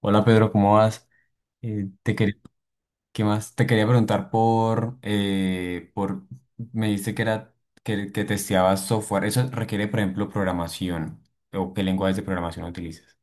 Hola Pedro, ¿cómo vas? Te quería, ¿qué más? Te quería preguntar por, me dijiste que era que testeabas software. Eso requiere, por ejemplo, programación. ¿O qué lenguajes de programación utilizas?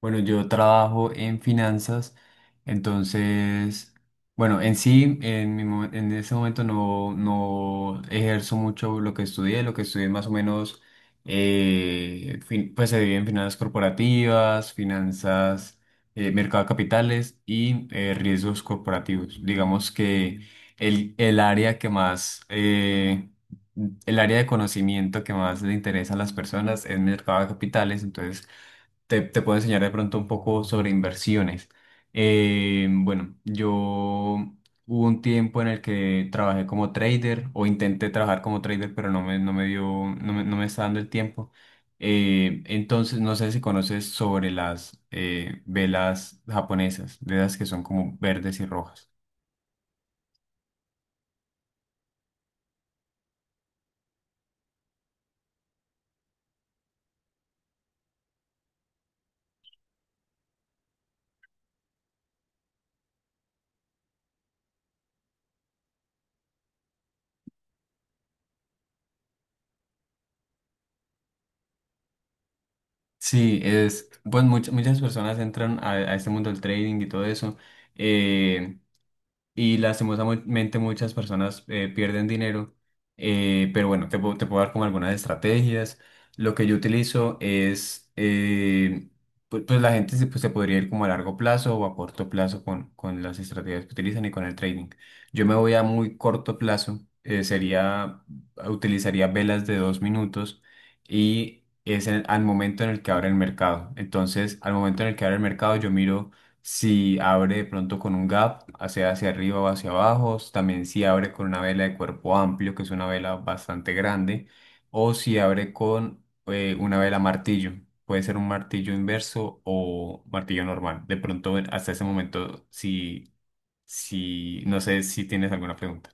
Bueno, yo trabajo en finanzas, entonces, bueno, en sí, en ese momento no ejerzo mucho lo que estudié más o menos, pues se divide en finanzas corporativas, finanzas, mercado de capitales y riesgos corporativos. Digamos que el, el área que más, eh, el área de conocimiento que más le interesa a las personas es mercado de capitales, entonces te puedo enseñar de pronto un poco sobre inversiones. Bueno, yo hubo un tiempo en el que trabajé como trader o intenté trabajar como trader, pero no me dio, no me está dando el tiempo. Entonces, no sé si conoces sobre las velas japonesas, de las que son como verdes y rojas. Sí, es, pues muchas personas entran a este mundo del trading y todo eso. eh, y lastimosamente muchas personas pierden dinero, pero bueno, te puedo dar como algunas estrategias. Lo que yo utilizo es, pues la gente se podría ir como a largo plazo o a corto plazo con las estrategias que utilizan y con el trading. Yo me voy a muy corto plazo, utilizaría velas de 2 minutos y es al momento en el que abre el mercado. Entonces, al momento en el que abre el mercado, yo miro si abre de pronto con un gap, hacia arriba o hacia abajo, también si abre con una vela de cuerpo amplio, que es una vela bastante grande, o si abre con una vela martillo, puede ser un martillo inverso o martillo normal. De pronto, hasta ese momento, si, no sé si tienes alguna pregunta.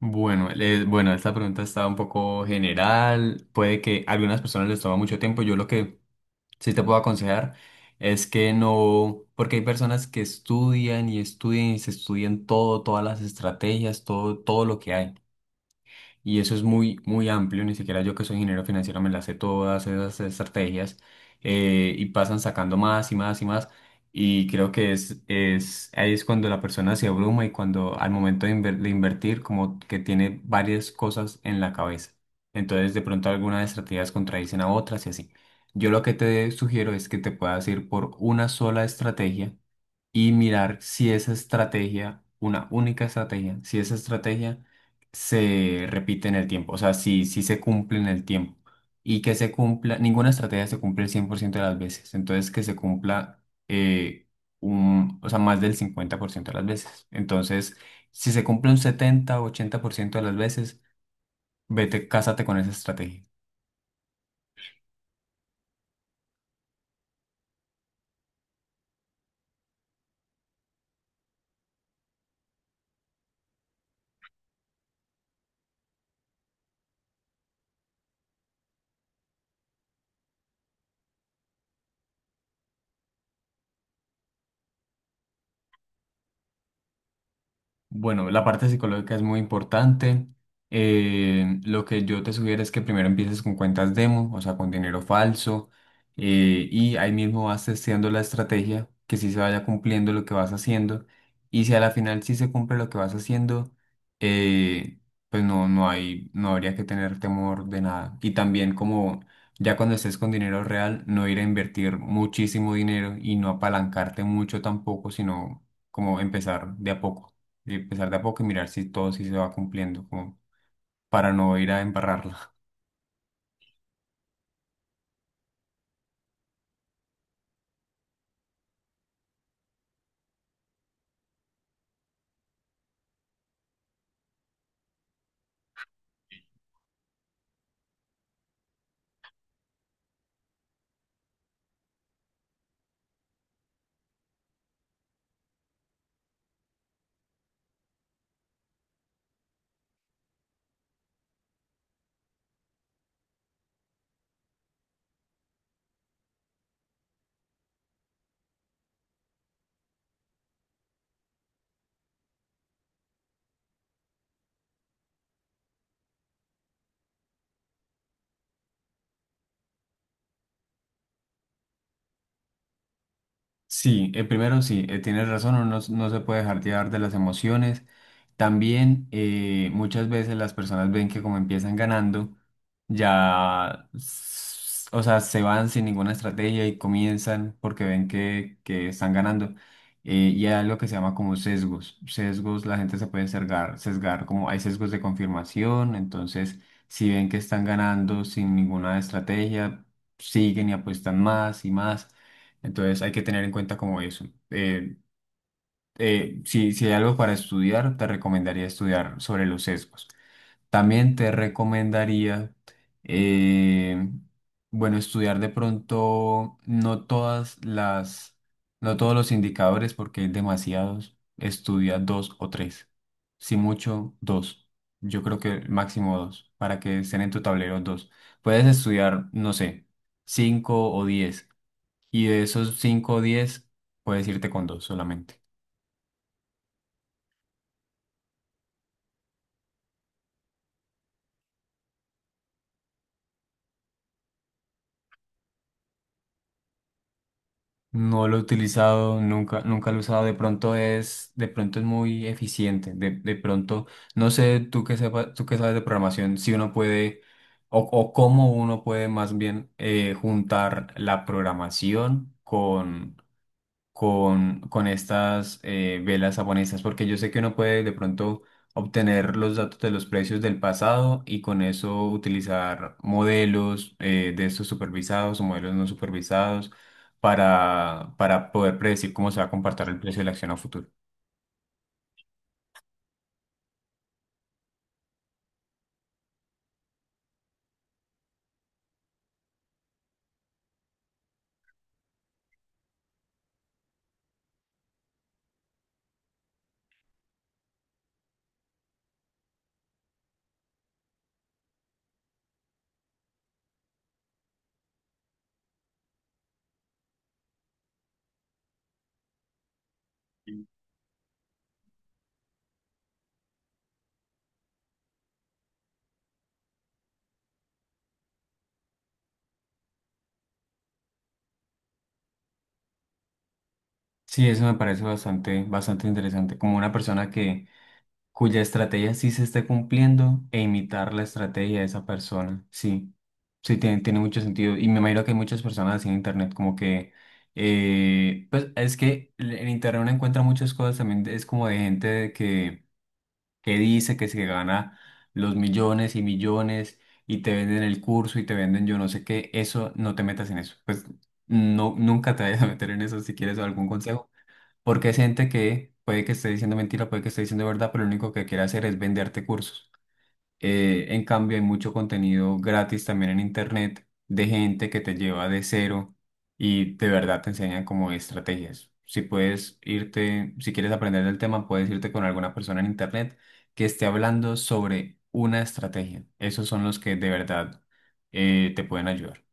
Bueno, esta pregunta está un poco general, puede que a algunas personas les toma mucho tiempo, yo lo que, si te puedo aconsejar, es que no, porque hay personas que estudian y estudian y se estudian todo, todas las estrategias, todo lo que hay y eso es muy, muy amplio, ni siquiera yo que soy ingeniero financiero me las sé todas esas estrategias y pasan sacando más y más y más y creo que ahí es cuando la persona se abruma y cuando al momento de invertir como que tiene varias cosas en la cabeza. Entonces de pronto algunas estrategias contradicen a otras y así. Yo lo que te sugiero es que te puedas ir por una sola estrategia y mirar si esa estrategia, una única estrategia, si esa estrategia se repite en el tiempo, o sea, si se cumple en el tiempo y que se cumpla, ninguna estrategia se cumple el 100% de las veces, entonces que se cumpla eh, o sea, más del 50% de las veces. Entonces, si se cumple un 70 o 80% de las veces, vete, cásate con esa estrategia. Bueno, la parte psicológica es muy importante. Lo que yo te sugiero es que primero empieces con cuentas demo, o sea, con dinero falso, y ahí mismo vas testeando la estrategia, que sí se vaya cumpliendo lo que vas haciendo, y si a la final sí se cumple lo que vas haciendo, eh, pues no, no hay, no habría que tener temor de nada. Y también como ya cuando estés con dinero real, no ir a invertir muchísimo dinero y no apalancarte mucho tampoco, sino como empezar de a poco y empezar de a poco y mirar si todo sí se va cumpliendo, como para no ir a embarrarla. Sí, primero sí, tienes razón, uno no, no se puede dejar llevar de las emociones. También muchas veces las personas ven que como empiezan ganando, ya, o sea, se van sin ninguna estrategia y comienzan porque ven que están ganando. Y hay algo que se llama como sesgos. Sesgos, la gente se puede sesgar, como hay sesgos de confirmación, entonces si ven que están ganando sin ninguna estrategia, siguen y apuestan más y más. Entonces hay que tener en cuenta como eso. Si hay algo para estudiar, te recomendaría estudiar sobre los sesgos. También te recomendaría, eh, bueno, estudiar de pronto no todos los indicadores porque hay demasiados. Estudia dos o tres. Si mucho, dos. Yo creo que máximo dos, para que estén en tu tablero dos. Puedes estudiar, no sé, cinco o diez. Y de esos cinco o diez, puedes irte con dos solamente. No lo he utilizado, nunca, nunca lo he usado. De pronto es muy eficiente. De pronto, no sé, tú que sabes de programación, si uno puede, o cómo uno puede más bien juntar la programación con, estas velas japonesas, porque yo sé que uno puede de pronto obtener los datos de los precios del pasado y con eso utilizar modelos de estos supervisados o modelos no supervisados para poder predecir cómo se va a comportar el precio de la acción a futuro. Sí, eso me parece bastante, bastante interesante. Como una persona que cuya estrategia sí se esté cumpliendo e imitar la estrategia de esa persona. Sí, sí, tiene mucho sentido. Y me imagino que hay muchas personas así en Internet, como que, pues es que en Internet uno encuentra muchas cosas también, es como de gente de que dice que se gana los millones y millones y te venden el curso y te venden yo no sé qué, eso no te metas en eso. Pues no, nunca te vayas a meter en eso si quieres algún consejo. Porque es gente que puede que esté diciendo mentira, puede que esté diciendo verdad, pero lo único que quiere hacer es venderte cursos. En cambio, hay mucho contenido gratis también en internet de gente que te lleva de cero y de verdad te enseñan como estrategias. Si puedes irte, si quieres aprender del tema, puedes irte con alguna persona en internet que esté hablando sobre una estrategia. Esos son los que de verdad te pueden ayudar.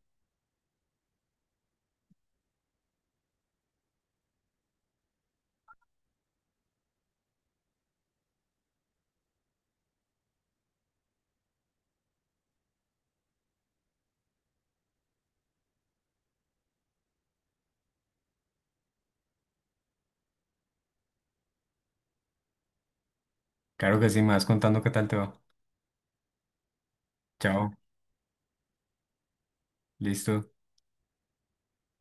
Claro que sí, me vas contando qué tal te va. Chao, listo.